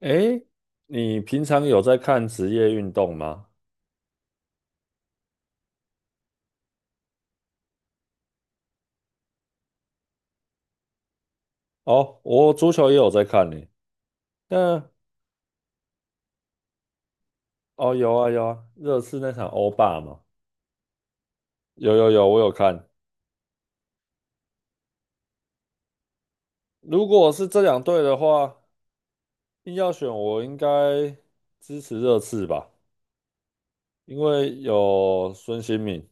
诶，你平常有在看职业运动吗？哦，我足球也有在看呢。那哦，有啊有啊，热刺那场欧霸嘛，有有有，我有看。如果是这两队的话，硬要选，我应该支持热刺吧，因为有孙兴慜，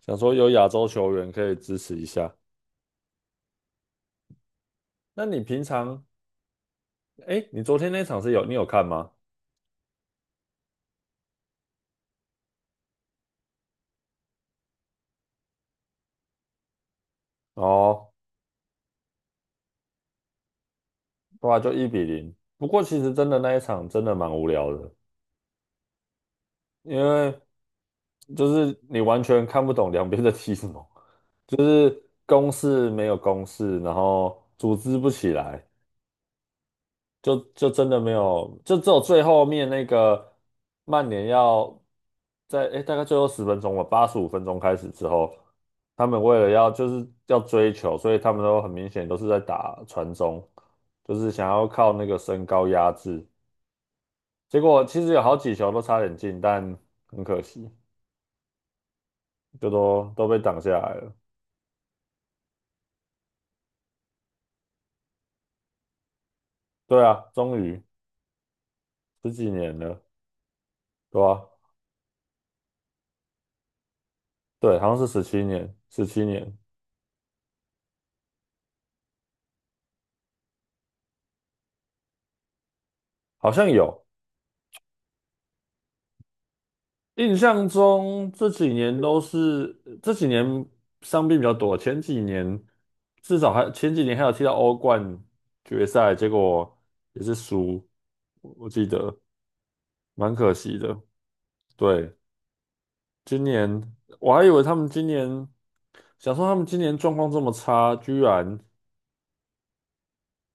想说有亚洲球员可以支持一下。那你平常，诶，你昨天那场你有看吗？哦，对啊，就1-0。不过其实真的那一场真的蛮无聊的，因为。就是你完全看不懂两边在踢什么，就是攻势没有攻势，然后组织不起来，就真的没有，就只有最后面那个曼联要在诶、大概最后十分钟吧，85分钟开始之后，他们为了要就是要追求，所以他们都很明显都是在打传中，就是想要靠那个身高压制，结果其实有好几球都差点进，但很可惜，就都被挡下来了。对啊，终于十几年了，对啊，对，好像是17年，17年，好像有。印象中这几年都是这几年伤病比较多，前几年至少还前几年还有踢到欧冠决赛，结果也是输，我记得蛮可惜的。对，今年我还以为他们今年想说他们今年状况这么差，居然。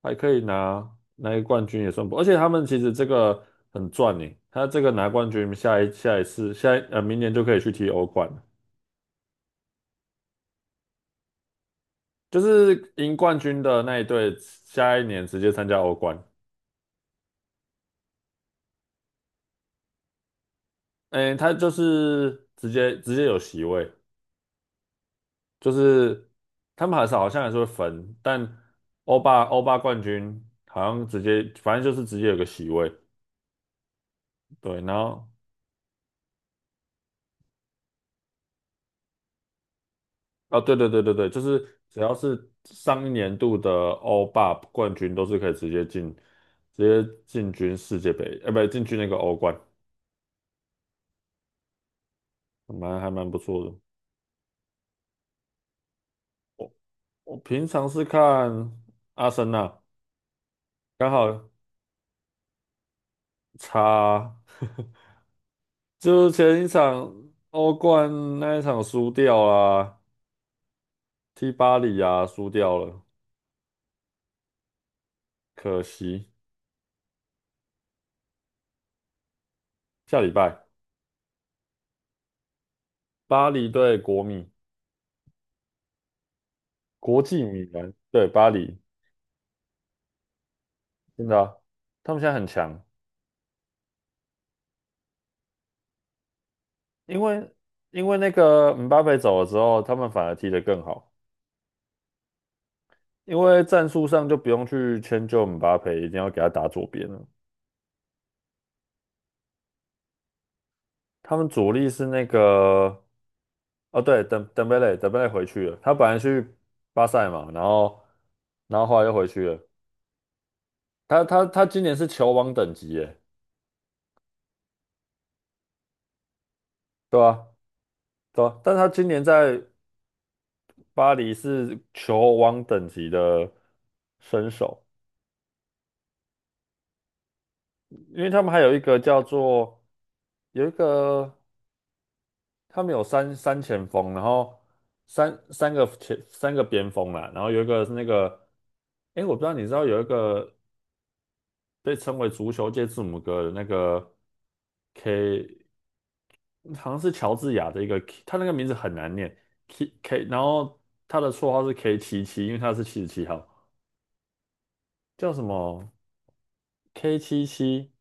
还可以拿一个冠军也算不，而且他们其实这个很赚呢。他这个拿冠军，下一次，明年就可以去踢欧冠了，就是赢冠军的那一队，下一年直接参加欧冠。哎，他就是直接有席位，就是他们还是好像还是会分，但欧霸冠军好像直接，反正就是直接有个席位，对，然后啊，对对对对对，就是只要是上一年度的欧霸冠军，都是可以直接进，直接进军世界杯，不，对，进军那个欧冠，蛮不错的。我平常是看阿森纳，刚好差，就是前一场欧冠那一场输掉啦，踢巴黎啊，输掉了，可惜。下礼拜巴黎对国米，国际米兰对巴黎，真的啊他们现在很强。因为因为那个姆巴佩走了之后，他们反而踢得更好，因为战术上就不用去迁就姆巴佩，一定要给他打左边了。他们主力是那个，哦对，登贝勒，登贝勒回去了，他本来去巴塞嘛，然后然后后来又回去了。他今年是球王等级耶，对吧？对啊，但他今年在巴黎是球王等级的身手，因为他们还有一个叫做有一个。他们有三前锋，然后三个边锋啦，然后有一个是那个，哎，我不知道你知道有一个被称为足球界字母哥的那个 K，好像是乔治亚的一个 K，他那个名字很难念 K K，然后他的绰号是 K 七七，因为他是77号，叫什么 K 七七？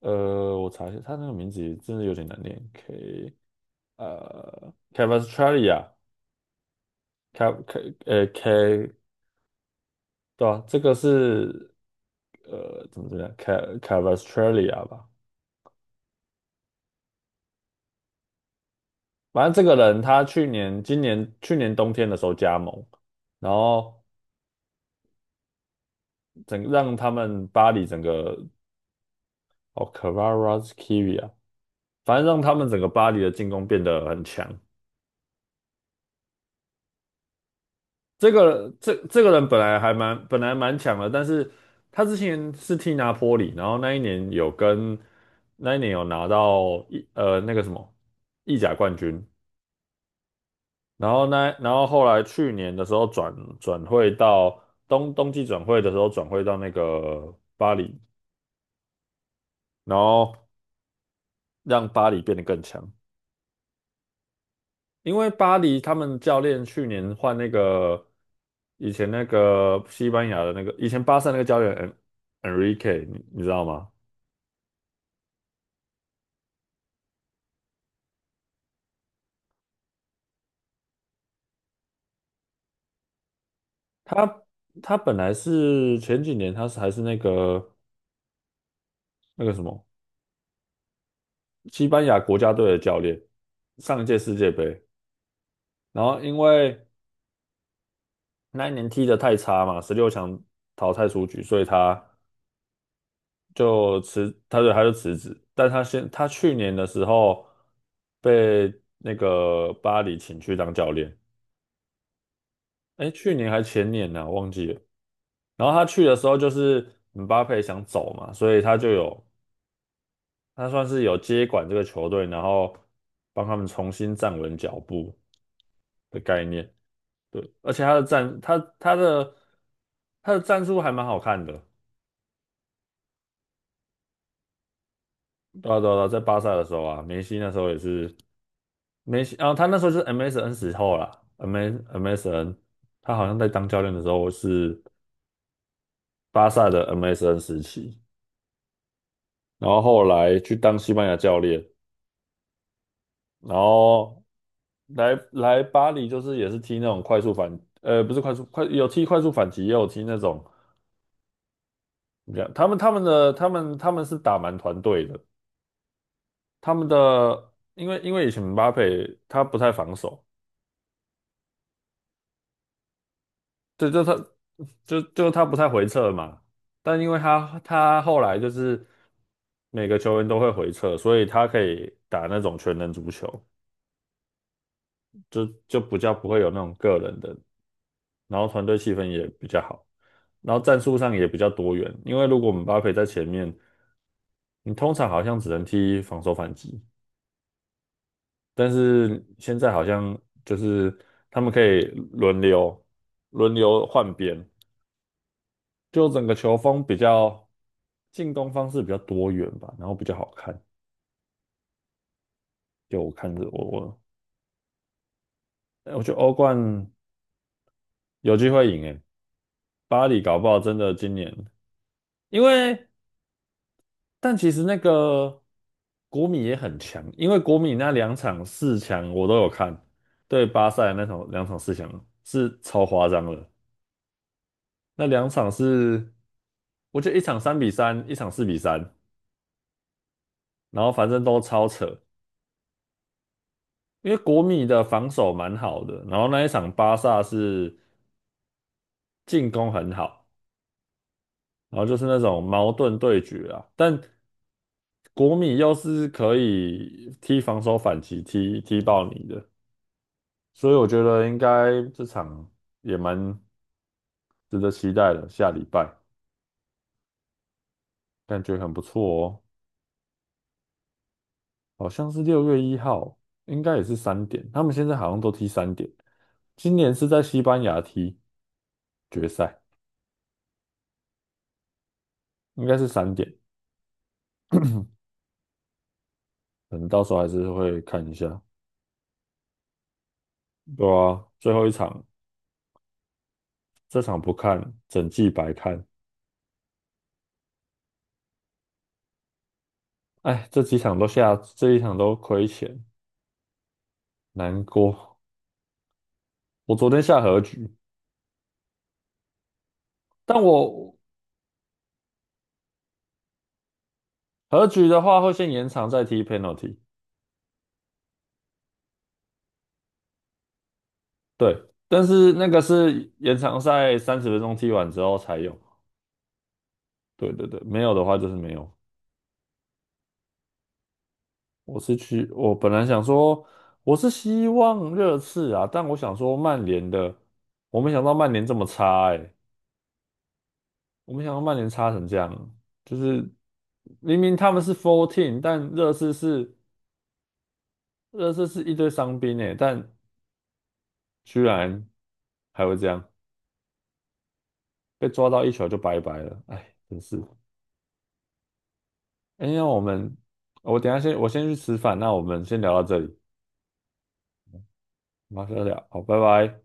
呃，我查一下，他那个名字真的有点难念，K 呃 c a v a s t r a l i a K K 呃 K。对啊，呃，怎么样 c a c a v a s t r a l i a 吧，反正这个人他去年、今年、去年冬天的时候加盟，然后整让他们巴黎整个哦 c a v a r a s k i v i a 反正让他们整个巴黎的进攻变得很强。这个人本来蛮强的，但是他之前是踢拿坡里，然后那一年有拿到那个什么意甲冠军。然后呢，然后后来去年的时候转转会到冬冬季转会的时候转会到那个巴黎，然后让巴黎变得更强。因为巴黎他们教练去年换那个以前那个西班牙的那个以前巴萨那个教练 Enrique，你知道吗？他他本来是前几年他是还是那个那个什么西班牙国家队的教练，上一届世界杯。然后因为那一年踢得太差嘛，16强淘汰出局，所以他就辞职。但他去年的时候被那个巴黎请去当教练，哎，去年还前年呢、忘记了。然后他去的时候就是姆巴佩想走嘛，所以他就有他算是有接管这个球队，然后帮他们重新站稳脚步的概念。对，而且他的战术还蛮好看的。对啊对啊，对啊在巴萨的时候啊，梅西啊，他那时候就是 MSN 时候啦，MSN，他好像在当教练的时候是巴萨的 MSN 时期，然后后来去当西班牙教练，然后来巴黎就是也是踢那种快速反，不是快速快有踢快速反击，也有踢那种怎么讲他们的他们是打蛮团队的，他们的因为因为以前姆巴佩他不太防守，对，就他不太回撤嘛，但因为他后来就是每个球员都会回撤，所以他可以打那种全能足球，就比较不会有那种个人的，然后团队气氛也比较好，然后战术上也比较多元，因为如果我姆巴佩在前面，你通常好像只能踢防守反击，但是现在好像就是他们可以轮流轮流换边，就整个球风比较进攻方式比较多元吧，然后比较好看。就我看着我哎我觉得欧冠有机会赢诶，巴黎搞不好真的今年，因为但其实那个国米也很强，因为国米那两场四强我都有看，对巴塞那场两场四强是超夸张的，那两场是我觉得一场3-3，一场4-3，然后反正都超扯。因为国米的防守蛮好的，然后那一场巴萨是进攻很好，然后就是那种矛盾对决啊。但国米又是可以踢防守反击，踢爆你的，所以我觉得应该这场也蛮值得期待的。下礼拜感觉很不错哦，好像是6月1号，应该也是三点。他们现在好像都踢三点，今年是在西班牙踢决赛，应该是三点。可能到时候还是会看一下。对啊，最后一场，这场不看，整季白看。哎，这几场都下，这一场都亏钱，难过。我昨天下和局，但我和局的话会先延长再踢 penalty，对，但是那个是延长赛30分钟踢完之后才有。对对对，没有的话就是没有。我是去，我本来想说，我是希望热刺啊，但我想说曼联的，我没想到曼联这么差哎、我没想到曼联差成这样，就是明明他们是 f o u r t e e n 但热刺是一堆伤兵诶，但居然还会这样，被抓到一球就拜拜了，哎，真是。哎，那我们我等一下先我先去吃饭，那我们先聊到这里，马上聊，好，拜拜。